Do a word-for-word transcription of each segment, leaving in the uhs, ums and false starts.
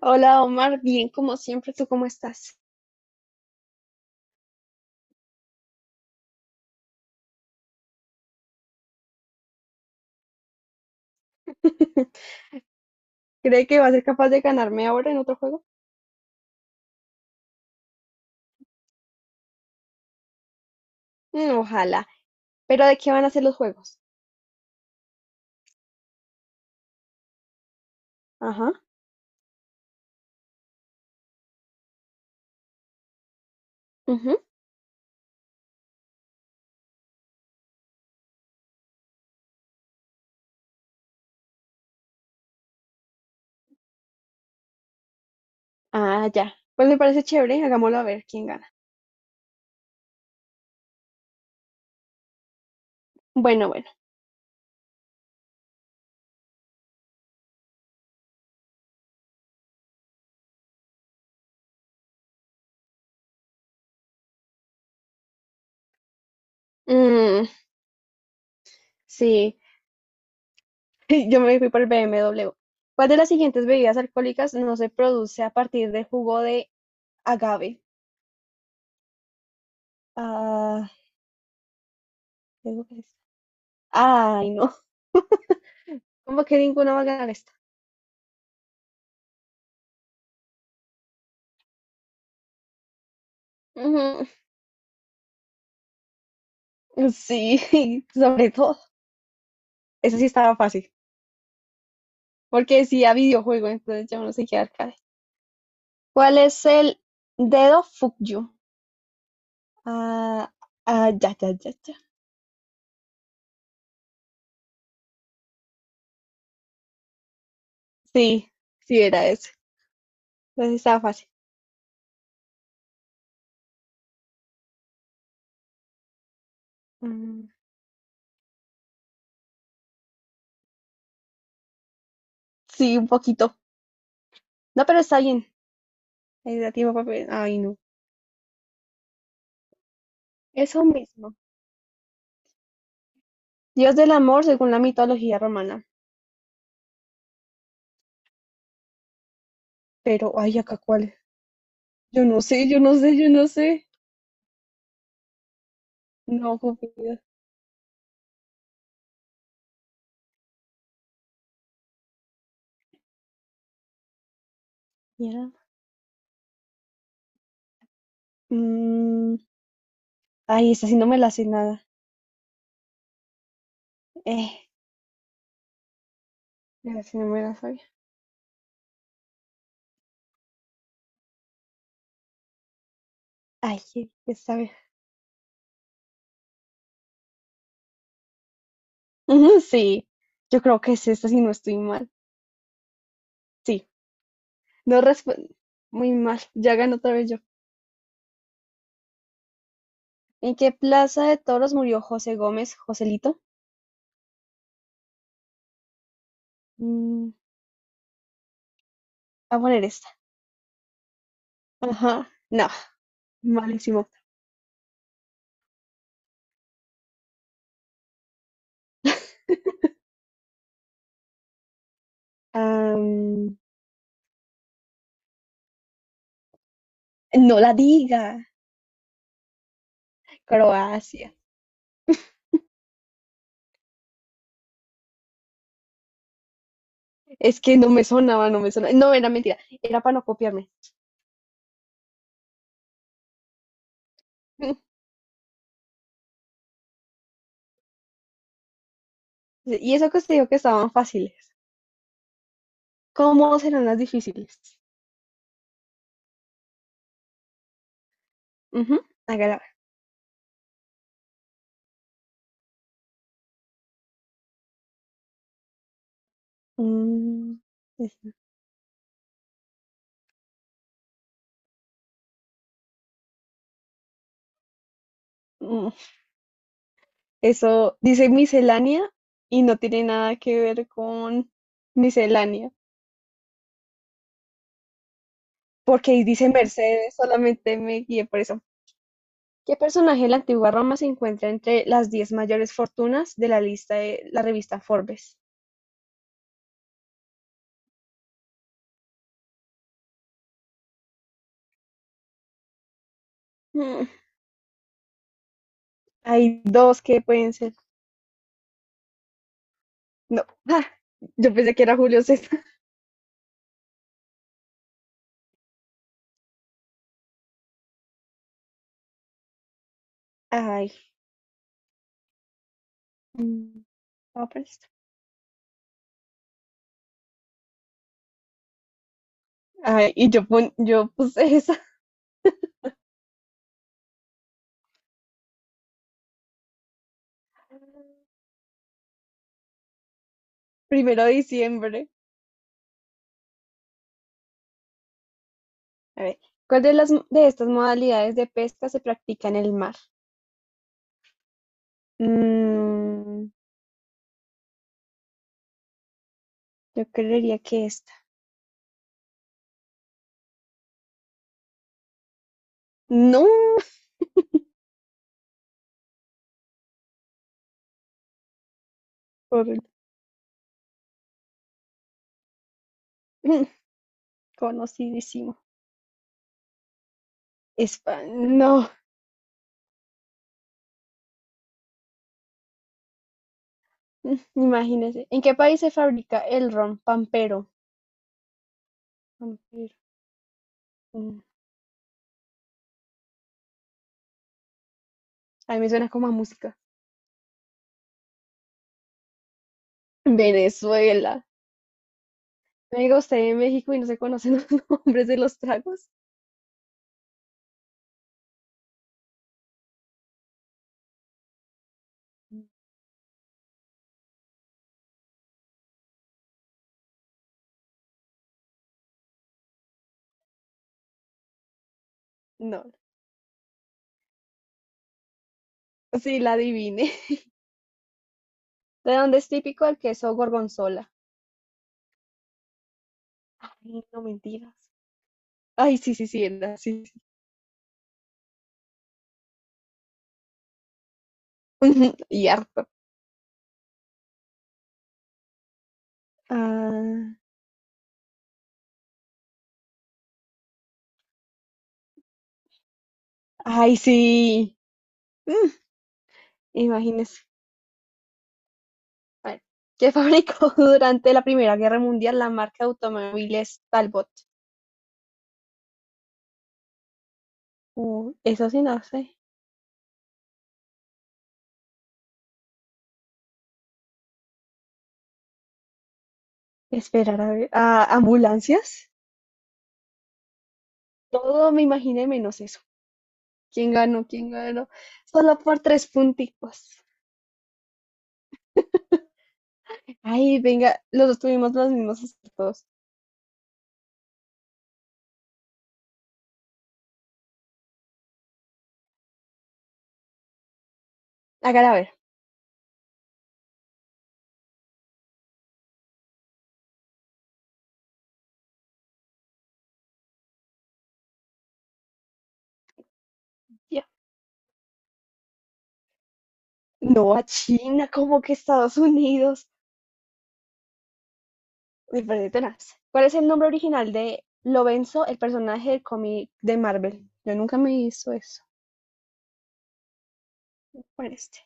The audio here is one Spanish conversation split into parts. Hola Omar, bien como siempre, ¿tú cómo estás? ¿Cree que va a ser capaz de ganarme ahora en otro juego? Mm, ojalá. ¿Pero de qué van a ser los juegos? Ajá. Ujú. Ah, ya. Pues me parece chévere, hagámoslo a ver quién gana. Bueno, bueno. Mm, sí, yo me fui por el B M W. ¿Cuál de las siguientes bebidas alcohólicas no se produce a partir de jugo de agave? Ah, ¿eso qué es? Ay, no. ¿Como que ninguno va a ganar esta? Ujú. Sí, sobre todo. Eso sí estaba fácil, porque decía videojuego, entonces yo no sé qué arcade. ¿Cuál es el dedo Fukyu? Ah, ah, ya, ya, ya, ya. Sí, sí era ese. Entonces estaba fácil. Mm, Sí, un poquito. No, pero está bien. Ahí da tiempo para pe- ay, no. Eso mismo. Dios del amor según la mitología romana. Pero, ay, ¿acá cuál es? Yo no sé, yo no sé, yo no sé. No, Cupido. Mierda. Mm, ay, esa sí no me la sé nada. Eh, Esa sí no me la sabía. Ay, qué- qué sabe. Ujú, sí, yo creo que es esta, si no estoy mal. Sí, no respondo. Muy mal, ya ganó otra vez yo. ¿En qué plaza de toros murió José Gómez, Joselito? Mm, voy a poner esta. Ajá, no, malísimo. Am, no la diga. Croacia. Es que no me sonaba, no me sonaba. No, era mentira, era para no copiarme. Y eso que usted dijo que estaban fáciles. ¿Cómo serán las difíciles? Ujú, hágala. Mm, esta. Eso dice miscelánea y no tiene nada que ver con miscelánea, porque ahí dice Mercedes, solamente me guié por eso. ¿Qué personaje de la antigua Roma se encuentra entre las diez mayores fortunas de la lista de la revista Forbes? Mm, hay dos que pueden ser. No, ah, yo pensé que era Julio César. Ay, mm, vamos por esto. Ay, y yo, pon- yo puse esa. Primero de diciembre. A ver, ¿cuál de las de estas modalidades de pesca se practica en el mar? Mm, yo creería que esta. No, por mm, conocidísimo. Espa- no, mm, imagínese. ¿En qué país se fabrica el ron pampero? Pampero, mm, a mí me suena como a música. Venezuela. Me diga usted en México y no se conocen los nombres de los tragos. No, sí la adiviné. ¿De dónde es típico el queso gorgonzola? Ay, no mentiras. Ay, sí, sí, sí, era, sí, sí. Y harto. Ah, ay, sí. Mm, imagínese. Bueno, que fabricó durante la Primera Guerra Mundial la marca de automóviles Talbot. Uh, eso sí, no sé. Esperar a, ver- a ambulancias. Todo me imaginé menos eso. ¿Quién ganó? ¿Quién ganó? Solo por tres punticos. Ay, venga, los dos tuvimos los mismos acertos. Hágala ver. Ya. No, a China, como que Estados Unidos. Me perdí tenaz. ¿Cuál es el nombre original de Lorenzo, el personaje del cómic de Marvel? Yo nunca me hizo eso. Con este.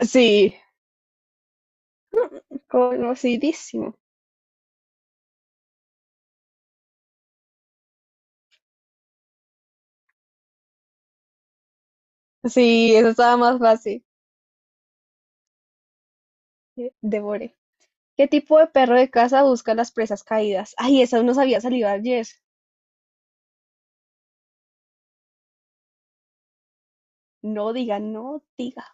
Sí, conocidísimo. Sí, eso estaba más fácil. Eh, Devore. ¿Qué tipo de perro de casa busca las presas caídas? Ay, esa nos había salido ayer. No diga, no diga.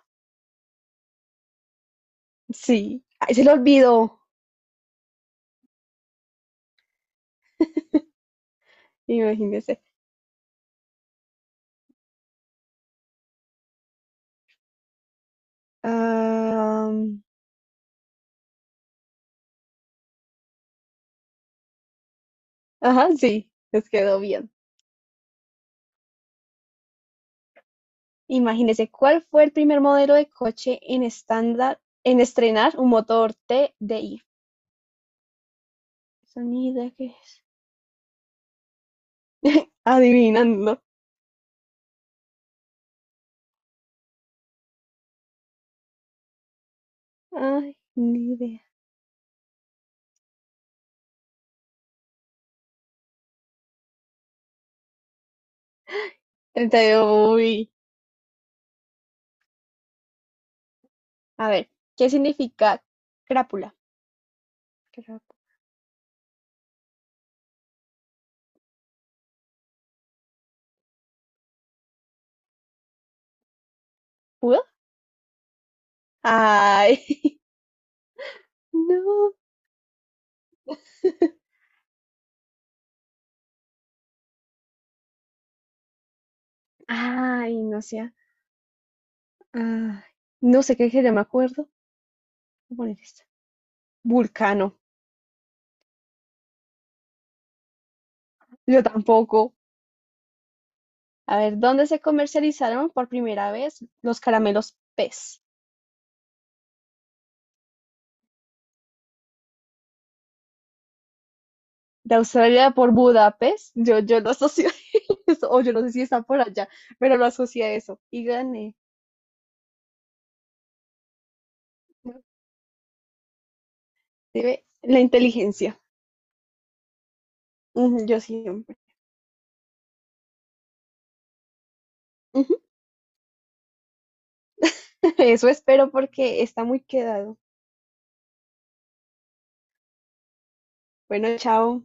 Sí. Ay, se lo olvidó. Imagínese. Ah, ajá, sí, les quedó bien. Imagínese cuál fue el primer modelo de coche en estándar en estrenar un motor t TDI. Sonido que es. Adivinando. Ay, ni idea. Entonces, uy, a ver, ¿qué significa crápula? ¿Crápula? Ay, no. Ay, no sé. Ay, no sé qué sería, me acuerdo. Voy a poner esta. Vulcano. Yo tampoco. A ver, ¿dónde se comercializaron por primera vez los caramelos pez? De Australia por Budapest. Yo, yo lo asocio a eso, o yo no sé si está por allá, pero lo asocio a eso. Y gané. Se ve la inteligencia. Ujú, yo siempre. Eso espero porque está muy quedado. Bueno, chao.